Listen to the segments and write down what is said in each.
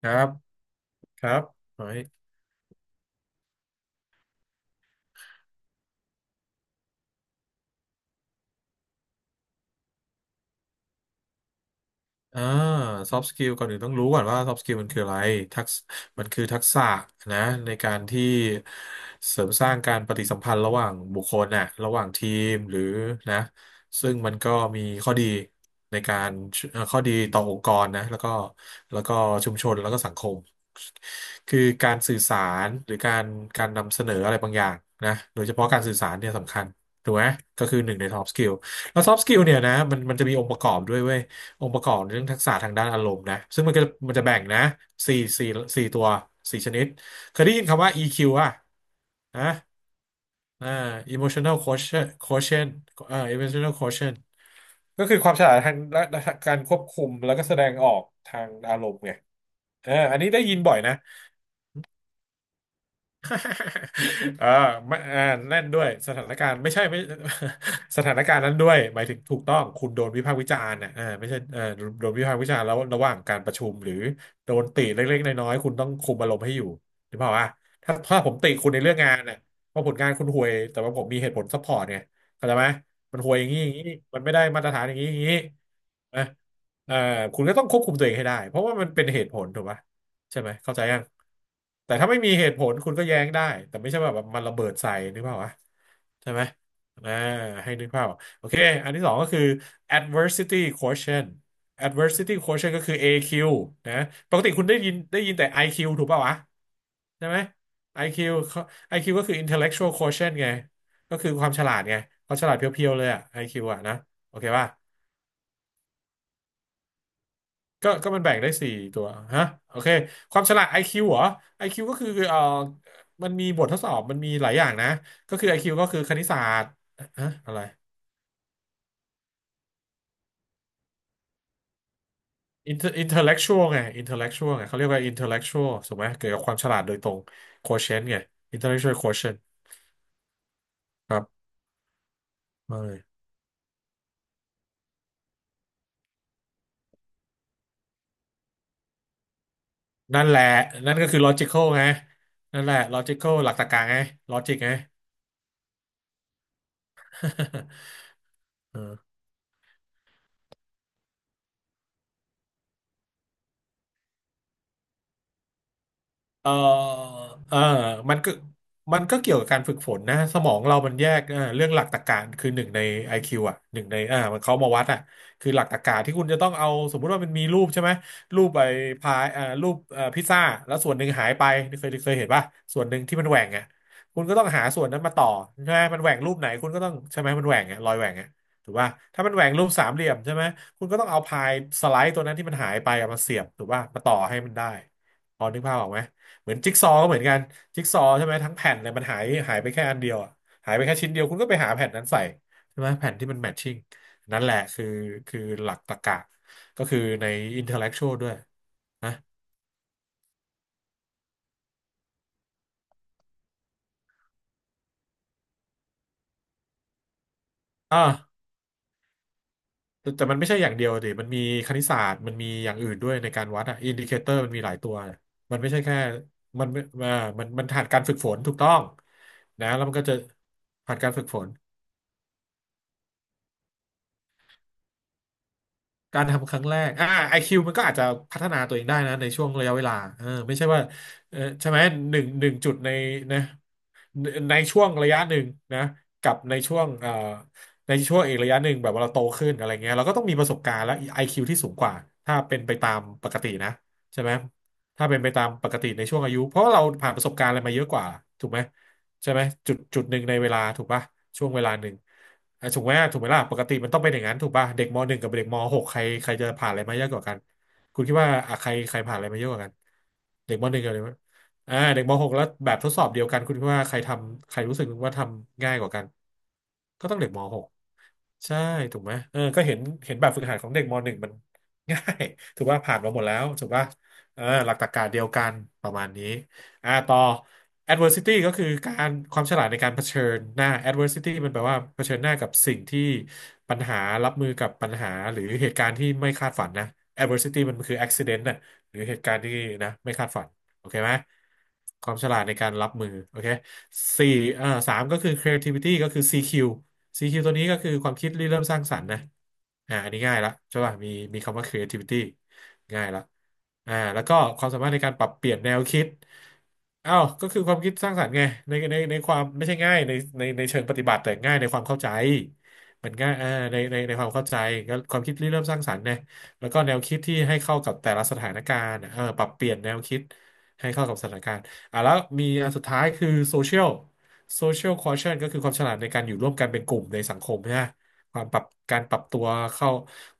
ครับครับขอให้ อ่าซอฟต์สกิลก่อนอื่นต้องรู้ก่อนว่าซอฟตสกิลมันคืออะไรทักษมันคือทักษะนะในการที่เสริมสร้างการปฏิสัมพันธ์ระหว่างบุคคลน่ะระหว่างทีมหรือนะซึ่งมันก็มีข้อดีในการข้อดีต่อองค์กรนะแล้วก็ชุมชนแล้วก็สังคมคือการสื่อสารหรือการการนำเสนออะไรบางอย่างนะโดยเฉพาะการสื่อสารเนี่ยสำคัญถูกไหมก็คือหนึ่งใน soft skill แล้ว soft skill เนี่ยนะมันจะมีองค์ประกอบด้วยเว้ย องค์ประกอบเรื่องทักษะทางด้านอารมณ์นะซึ่งมันก็มันจะแบ่งนะสี่สี่สี่ตัวสี่ชนิดเคยได้ยินคำว่า EQ อ่ะนะอ่า emotional quotient emotional quotient ก็คือความฉลาดทางด้านการควบคุมแล้วก็แสดงออกทางอารมณ์ไงเอออันนี้ได้ยินบ่อยนะ เออไม่แน่นด้วยสถานการณ์ไม่ใช่ไม่ สถานการณ์นั้นด้วยหมายถึงถูกต้องคุณโดนวิพากษ์วิจารณ์นะอ่าไม่ใช่เออโดนวิพากษ์วิจารณ์แล้วระหว่างการประชุมหรือโดนติเล็กๆน้อยๆคุณต้องคุมอารมณ์ให้อยู่หรือเปล่าอ่ะถ้าผมติคุณในเรื่องงานน่ะเพราะผลงานคุณห่วยแต่ว่าผมมีเหตุผลซัพพอร์ตเนี่ยเข้าใจไหมมันห่วยอย่างนี้อย่างนี้มันไม่ได้มาตรฐานอย่างนี้อย่างนี้นะเออคุณก็ต้องควบคุมตัวเองให้ได้เพราะว่ามันเป็นเหตุผลถูกไหม ใช่ไหมเข้าใจยังแต่ถ้าไม่มีเหตุผลคุณก็แย้งได้แต่ไม่ใช่ว่าแบบมันระเบิดใส่นึกภาพวะใช่ไหมอ่าให้นึกภาพออกโอเคอันที่สองก็คือ adversity quotient adversity quotient ก็คือ AQ นะปกติคุณได้ยินแต่ IQ ถูกป่าววะใช่ไหม IQ เขา IQ ก็คือ intellectual quotient ไงก็คือความฉลาดไงความฉลาดเพียวๆเลยอะ IQ อคิวอะนะโอเคป่ะ ก็มันแบ่งได้สี่ตัวฮะโอเคความฉลาด IQ เหรอไอคิวก็คือมันมีบททดสอบมันมีหลายอย่างนะก็คือ IQ ก็คือคณิตศาสตร์ฮะอะไร intellectual ไง intellectual ไงเขาเรียกว่า intellectual ถูกไหมเกี่ยวกับความฉลาดโดยตรง quotient ไง intellectual quotient ครับเออนั่นแหละนั่นก็คือ logical ไงนั่นแหละ logical หลักตรรกะไง logic ไง เออ เออเออมันก็มันก็เกี่ยวกับการฝึกฝนนะสมองเรามันแยกเออเรื่องหลักตรรกะคือหนึ่งใน IQ อคิวอ่ะหนึ่งในมันเขามาวัดอ่ะคือหลักตรรกะที่คุณจะต้องเอาสมมุติว่ามันมีรูปใช่ไหมรูปไอ้พายรูปพิซซ่าแล้วส่วนหนึ่งหายไปเคยเห็นป่ะส่วนหนึ่งที่มันแหว่งอ่ะคุณก็ต้องหาส่วนนั้นมาต่อใช่ไหมมันแหว่งรูปไหนคุณก็ต้องใช่ไหมมันแหว่งอ่ะรอยแหว่งอ่ะถูกป่ะถ้ามันแหว่งรูปสามเหลี่ยมใช่ไหมคุณก็ต้องเอาพายสไลด์ตัวนั้นที่มันหายไปอะมาเสียบถูกป่ะมาต่อให้มันได้พอนึกภาพออกไหม เหมือนจิ๊กซอว์ก็เหมือนกันจิ๊กซอว์ใช่ไหมทั้งแผ่นเลยมันหายไปแค่อันเดียวอะหายไปแค่ชิ้นเดียวคุณก็ไปหาแผ่นนั้นใส่ใช่ไหมแผ่นที่มันแมทชิ่งนั่นแหละคือหลักตรรกะก็คือในอินเทลเล็กชวลด้วยนะอ่าแต่มันไม่ใช่อย่างเดียวดิมันมีคณิตศาสตร์มันมีอย่างอื่นด้วยในการวัดอะอินดิเคเตอร์มันมีหลายตัวมันไม่ใช่แค่ มันไม่อ่ามันผ่านการฝึกฝนถูกต้องนะแล้วมันก็จะผ่านการฝึกฝน การทำครั้งแรกไอคิวมันก็อาจจะพัฒนาตัวเองได้นะในช่วงระยะเวลาเออไม่ใช่ว่าเออใช่ไหมหนึ่งจุดในนะในช่วงระยะหนึ่งนะกับในช่วงในช่วงอีกระยะหนึ่งแบบว่าเราโตขึ้นอะไรเงี้ยเราก็ต้องมีประสบการณ์และ IQ ที่สูงกว่าถ้าเป็นไปตามปกตินะใช่ไหมถ้าเป็นไปตามปกติในช่วงอายุเพราะเราผ่านประสบการณ์อะไรมาเยอะกว่าถูกไหม ใช่ไหมจุดหนึ่งในเวลาถูกป่ะช่วงเวลาหนึ่งอ่ะถูกไหมถูกไหมล่ะปกติมันต้องเป็นอย่างนั้นถูกป่ะเด็กมหนึ่งกับเด็กมหกใครใครจะผ่านอะไรมาเยอะกว่ากันคุณคิดว่าอ่ะใครใครผ่านอะไรมาเยอะกว่ากันเด็กมหนึ่งกับเด็กมเด็กมหกแล้วแบบทดสอบเดียวกันคุณคิดว่าใครทำใครรู้สึกว่าทำง่ายกว่ากันก็ต้องเด็กมหกใช่ถูกไหมเออก็เห็นแบบฝึกหัดของเด็กมหนึ่งมัน ง่าย ถูกว่าผ่านมาหมดแล้วถูกว่าเออหลักตรรกะเดียวกันประมาณนี้อ่าต่อ adversity ก็คือการความฉลาดในการเผชิญหน้า adversity มันแปลว่าเผชิญหน้ากับสิ่งที่ปัญหารับมือกับปัญหาหรือเหตุการณ์ที่ไม่คาดฝันนะ adversity มันคือ accident น่ะหรือเหตุการณ์ที่นะไม่คาดฝันโอเคไหมความฉลาดในการรับมือโอเคสี่สามก็คือ creativity ก็คือ CQ CQ ตัวนี้ก็คือความคิดริเริ่มสร้างสรรค์นะอ่าอันนี้ง่ายละใช่ป่ะมีมีคำว่า creativity ง่ายละอ่าแล้วก็ความสามารถในการปรับเปลี่ยนแนวคิดอ้าวก็คือความคิดสร้างสรรค์ไงในความไม่ใช่ง่ายในเชิงปฏิบัติแต่ง่ายในความเข้าใจมันง่ายอ่าในความเข้าใจก็ความคิดริเริ่มสร้างสรรค์เนยแล้วก็แนวคิดที่ให้เข้ากับแต่ละสถานการณ์เออปรับเปลี่ยนแนวคิดให้เข้ากับสถานการณ์อ่ะแล้วมีอันสุดท้ายคือโซเชียลโซเชียลคอเชนก็คือความฉลาดในการอยู่ร่วมกันเป็นกลุ่มในสังคมนะความปรับการปรับตัวเข้า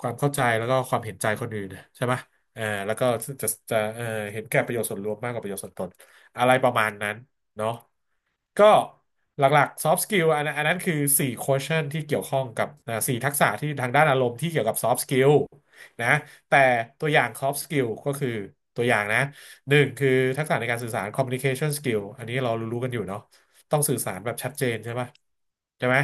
ความเข้าใจแล้วก็ความเห็นใจคนอื่นใช่ไหม อ่าแล้วก็จะเห็นแก่ประโยชน์ส่วนรวมมากกว่าประโยชน์ส่วนตนอะไรประมาณนั้นเนาะก็หลักๆ soft skill อันนั้นคือ4 quotient ที่เกี่ยวข้องกับอ่าสี่ทักษะที่ทางด้านอารมณ์ที่เกี่ยวกับ soft skill นะแต่ตัวอย่าง soft skill ก็คือตัวอย่างนะหนึ่งคือทักษะในการสื่อสาร communication skill อันนี้เรารู้ๆกันอยู่เนาะต้องสื่อสารแบบชัดเจนใช่ปะใช่ไหม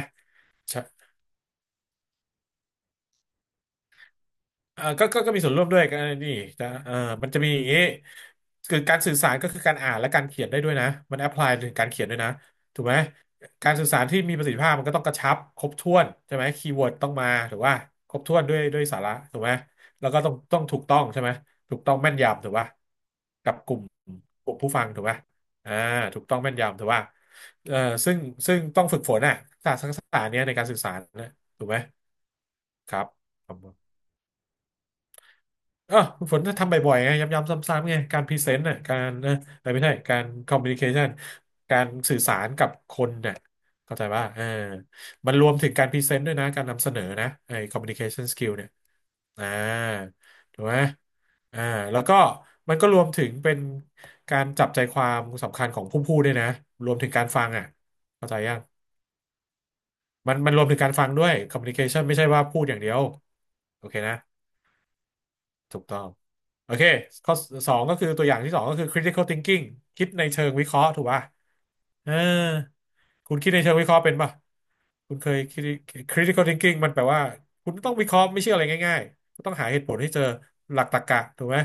อ่าก็มีส่วนร่วมด้วยกันนี่จะเออมันจะมีอย่างนี้คือการสื่อสารก็คือการอ่านและการเขียนได้ด้วยนะ มันแอพพลายถึงการเขียนด้วยนะถูกไหม การสื่อสารที่มีประสิทธิภาพมันก็ต้องกระชับครบถ้วนใช่ไหมคีย์เวิร์ดต้องมาหรือว่าครบถ้วนด้วยสาระถูกไหมแล้วก็ต้องถูกต้องใช่ไหม ถูกต้องแม่นยำถูกป่ะกับกลุ่มกลุ่มผู้ฟังถูกป่ะอ่าถูกต้องแม่นยำถูกป่ะเออซึ่งซึ่งต้องฝึกฝนอ่ะศาสตร์ทักษะเนี้ยในการสื่อสารนะถูกไหมครับ เออคุณฝนถ้าทำบ่อยๆไงย้ำๆซ้ำๆไงการพรีเซนต์น่ะการนะแตไม่ใช่การคอมมิวนิเคชันการสื่อสารกับคนเนี่ยเข้าใจป่ะเออมันรวมถึงการพรีเซนต์ด้วยนะการนำเสนอนะไอ้คอมมิวนิเคชันสกิลเนี่ยอ่าถูกไหมอ่าแล้วก็มันก็รวมถึงเป็นการจับใจความสำคัญของผู้พูดด้วยนะรวมถึงการฟังอ่ะเข้าใจยังมันรวมถึงการฟังด้วยคอมมิ n i c a t ชันไม่ใช่ว่าพูดอย่างเดียวโอเคนะ ถูกต้องโอเคข้อสองก็คือตัวอย่างที่สองก็คือ critical thinking คิดในเชิงวิเคราะห์ถูกป่ะเออคุณคิดในเชิงวิเคราะห์เป็นป่ะ คุณเคย critical thinking มันแปลว่าคุณต้องวิเคราะห์ไม่ใช่อะไรง่ายๆก็ต้องหาเหตุผลให้เจอหลักตรรกะถูกไหม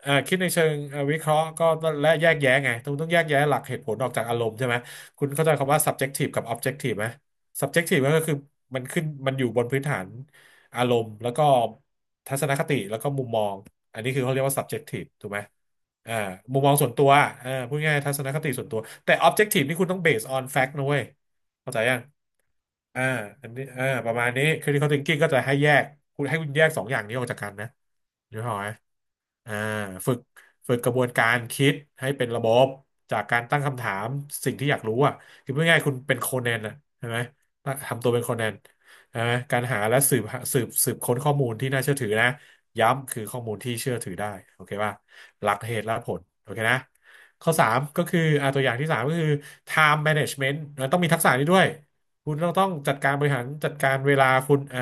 คิดในเชิงวิเคราะห์ก็ต้องและแยกแยะไงต้องแยกแยะหลักเหตุผลออกจากอารมณ์ใช่ไหมคุณเข้าใจคำว่า subjective กับ objective ไหม subjective ก็คือมันขึ้นมันอยู่บนพื้นฐานอารมณ์แล้วก็ทัศนคติแล้วก็มุมมองอันนี้คือเขาเรียกว่า subjective ถูกไหมอ่ามุมมองส่วนตัวอ่าพูดง่ายๆทัศนคติส่วนตัวแต่ objective นี่คุณต้อง based on fact นะเว้ยเข้าใจยัง อ่าอันนี้อ่าประมาณนี้ critical thinking ก็จะให้แยกคุณให้คุณแยกสองอย่างนี้ออกจากกันนะนึกออกไหมอ่าฝึกฝึกกระบวนการคิดให้เป็นระบบจากการตั้งคำถามสิ่งที่อยากรู้อ่ะคือพูดง่ายๆคุณเป็นโคนันอ่ะใช่ไหมทำตัวเป็นโคนันใช่ไหมการหาและสืบสืบค้นข้อมูลที่น่าเชื่อถือนะย้ำคือข้อมูลที่เชื่อถือได้โอเคป่ะหลักเหตุและผลโอเคนะข้อ3ก็คืออ่าตัวอย่างที่3ก็คือ time management นะต้องมีทักษะนี้ด้วย คุณต้องจัดการบริหารจัดการเวลาคุณอ่า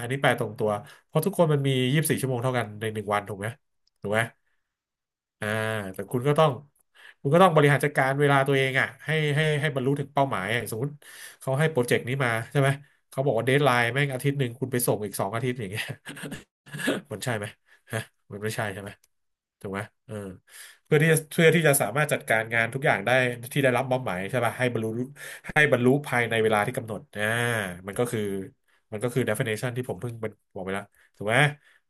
อันนี้แปลตรงตัว เพราะทุกคนมันมี24 ชั่วโมงเท่ากันใน1 วันถูกไหม ถูกไหมอ่าแต่คุณก็ต้องบริหารจัดการเวลาตัวเองอ่ะให้บรรลุถึงเป้าหมายอะสมมติเขาให้โปรเจกต์นี้มาใช่ไหมเขาบอกว่าเดดไลน์แม่ง1 อาทิตย์คุณไปส่งอีก2 อาทิตย์อย่างเงี้ย มันใช่ไหมฮะมันไม่ใช่ใช่ไหมถูกไหมเออเพื่อที่จะสามารถจัดการงานทุกอย่างได้ที่ได้รับมอบหมายใช่ป่ะให้บรรลุให้บรรลุภายในเวลาที่กำหนดอ่ามันก็คือdefinition ที่ผมเพิ่งบอกไปแล้วถูกไหม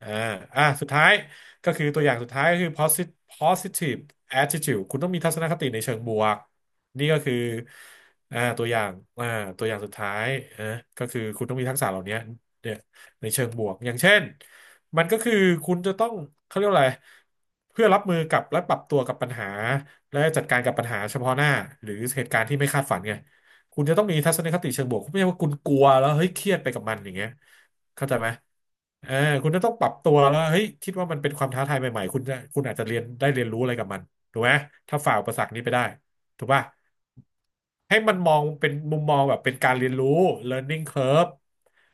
อ่าอ่าสุดท้ายก็คือตัวอย่างสุดท้ายก็คือ positive attitude คุณต้องมีทัศนคติในเชิงบวกนี่ก็คืออ่าตัวอย่างอ่าตัวอย่างสุดท้ายอ่าก็คือคุณต้องมีทักษะเหล่านี้เนี่ย ในเชิงบวกอย่างเช่นมันก็คือคุณจะต้องเขาเรียกว่าอะไรเพื่อรับมือกับและปรับตัวกับปัญหาและจัดการกับปัญหาเฉพาะหน้าหรือเหตุการณ์ที่ไม่คาดฝันไงคุณจะต้องมีทัศนคติเชิงบวกไม่ใช่ว่าคุณกลัวแล้วเฮ้ยเครียดไปกับมันอย่างเงี้ยเข้าใจไหมเออคุณจะต้องปรับตัวแล้วเฮ้ยคิดว่ามันเป็นความท้าทายใหม่ๆคุณอาจจะเรียนได้เรียนรู้อะไรกับมันถูกไหมถ้าฝ่าอุปสรรคนี้ไปได้ ถูกป่ะให้มันมองเป็นมุมมองแบบเป็นการเรียนรู้ learning curve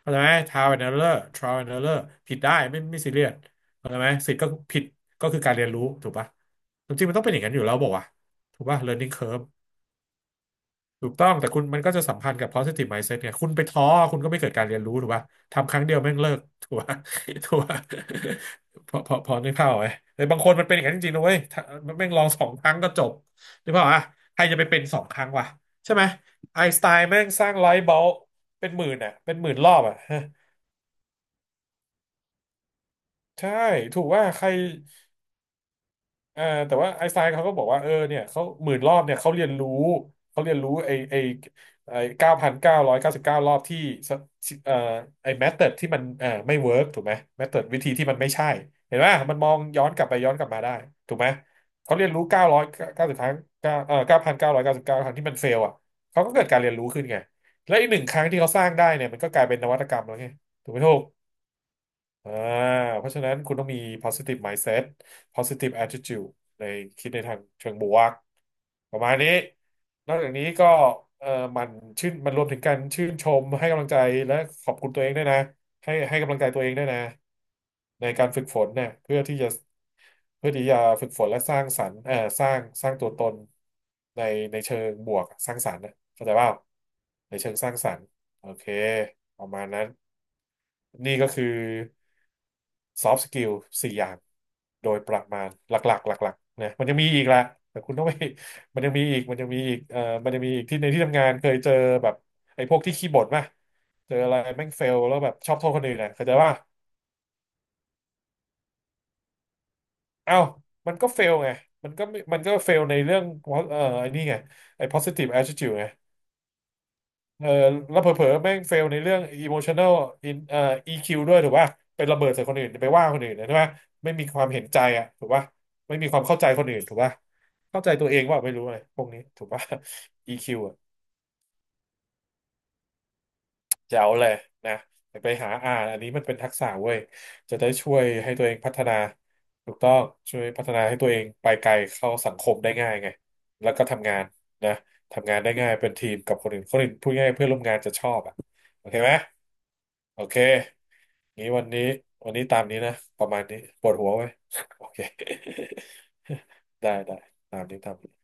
เข้าใจไหม trial and error trial and error ผิดได้ไม่ซีเรียสเข้าใจไหมสิทธิ์ก็ผิดก็คือการเรียนรู้ถูกป่ะจริงๆมันต้องเป็นอย่างนั้นอยู่แล้วบอกว่าวะถูกป่ะ learning curve ถูกต้องแต่คุณมันก็จะสัมพันธ์กับ positive mindset เนี่ยคุณไปท้อคุณก็ไม่เกิดการเรียนรู้ถูกป่ะทำครั้งเดียวแม่งเลิก ถูกป่ะถูกป่ะพอนึกภาพออกไหมแต่บางคนมันเป็นอย่างนั้นจริงๆนะเว้ยถ้ามันแม่งลองสองครั้งก็จบนึกภาพอ่ะใครจะไปเป็นสองครั้งวะใช่ไหมไอน์สไตน์แม่งสร้างไลท์บัลบ์เป็นหมื่นอ่ะเป็นหมื่นรอบอ่ะฮะใช่ถูกว่าใคร เออแต่ว่าไอน์สไตน์เขาก็บอกว่าเออเนี่ยเขาหมื่นรอบเนี่ยเขาเรียนรู้เขาเรียนรู้ไอ9,999 รอบที่สเอ่อไอแมธอดที่มันไม่เวิร์กถูกไหมแมธอดวิธีที่มันไม่ใช่เห็นไหมมันมองย้อนกลับไปย้อนกลับมาได้ถูกไหมเขาเรียนรู้990 ครั้งเก้า9,999 ครั้งที่มันเฟลอ่ะเขาก็เกิดการเรียนรู้ขึ้นไงและอีก1 ครั้งที่เขาสร้างได้เนี่ยมันก็กลายเป็นนวัตกรรมแล้วไงถูกไหมถูก อ่าเพราะฉะนั้นคุณต้องมี positive mindset positive attitude ในคิดในทางเชิงบวกประมาณนี้นอกจากนี้ก็เออมันมันรวมถึงการชื่นชมให้กำลังใจและขอบคุณตัวเองด้วยนะให้กำลังใจตัวเองด้วยนะในการฝึกฝนเนี่ยเพื่อที่จะเพื่อที่จะฝึกฝนและสร้างสรรค์สร้างตัวตนในเชิงบวกสร้างสรรค์นะเข้าใจเปล่าในเชิงสร้างสรรค์โอเคประมาณนั้นนี่ก็คือ ซอฟต์สกิล4 อย่างโดยประมาณหลักๆหลักๆนะมันยังมีอีกละแต่คุณต้องไป มันยังมีอีกมันยังมีอีกที่ในที่ทำงานเคยเจอแบบไอ้พวกที่ขี้บ่นป่ะเจออะไรแม่งเฟลแล้วแบบชอบโทษคนอื่นนะเข้าใจว่าเอ้ามันก็เฟลไงมันก็เฟลในเรื่องไอ้นี่ไงไอ้ positive attitude ไง เออแล้วเผลอๆแม่งเฟลในเรื่อง emotional in EQ ด้วยถูกป่ะเป็นระเบิดใส่คนอื่นไปว่าคนอื่นนะใช่ป่ะไม่มีความเห็นใจอ่ะถูกป่ะไม่มีความเข้าใจคนอื่นถูกป่ะเข้าใจตัวเองว่าไม่รู้อะไรพวกนี้ถูกป่ะ EQ อ่ะแจ๋วเลยนะไปหาอ่านอันนี้มันเป็นทักษะเว้ยจะได้ช่วยให้ตัวเองพัฒนาถูกต้องช่วยพัฒนาให้ตัวเองไปไกลเข้าสังคมได้ง่ายไงแล้วก็ทำงานนะทำงานได้ง่ายเป็นทีมกับคนอื่นพูดง่ายๆเพื่อนร่วมงานจะชอบอ่ะโอเคไหม โอเคงี้วันนี้ตามนี้นะประมาณนี้ปวดหัวไหม โอเค ได้ตามนี้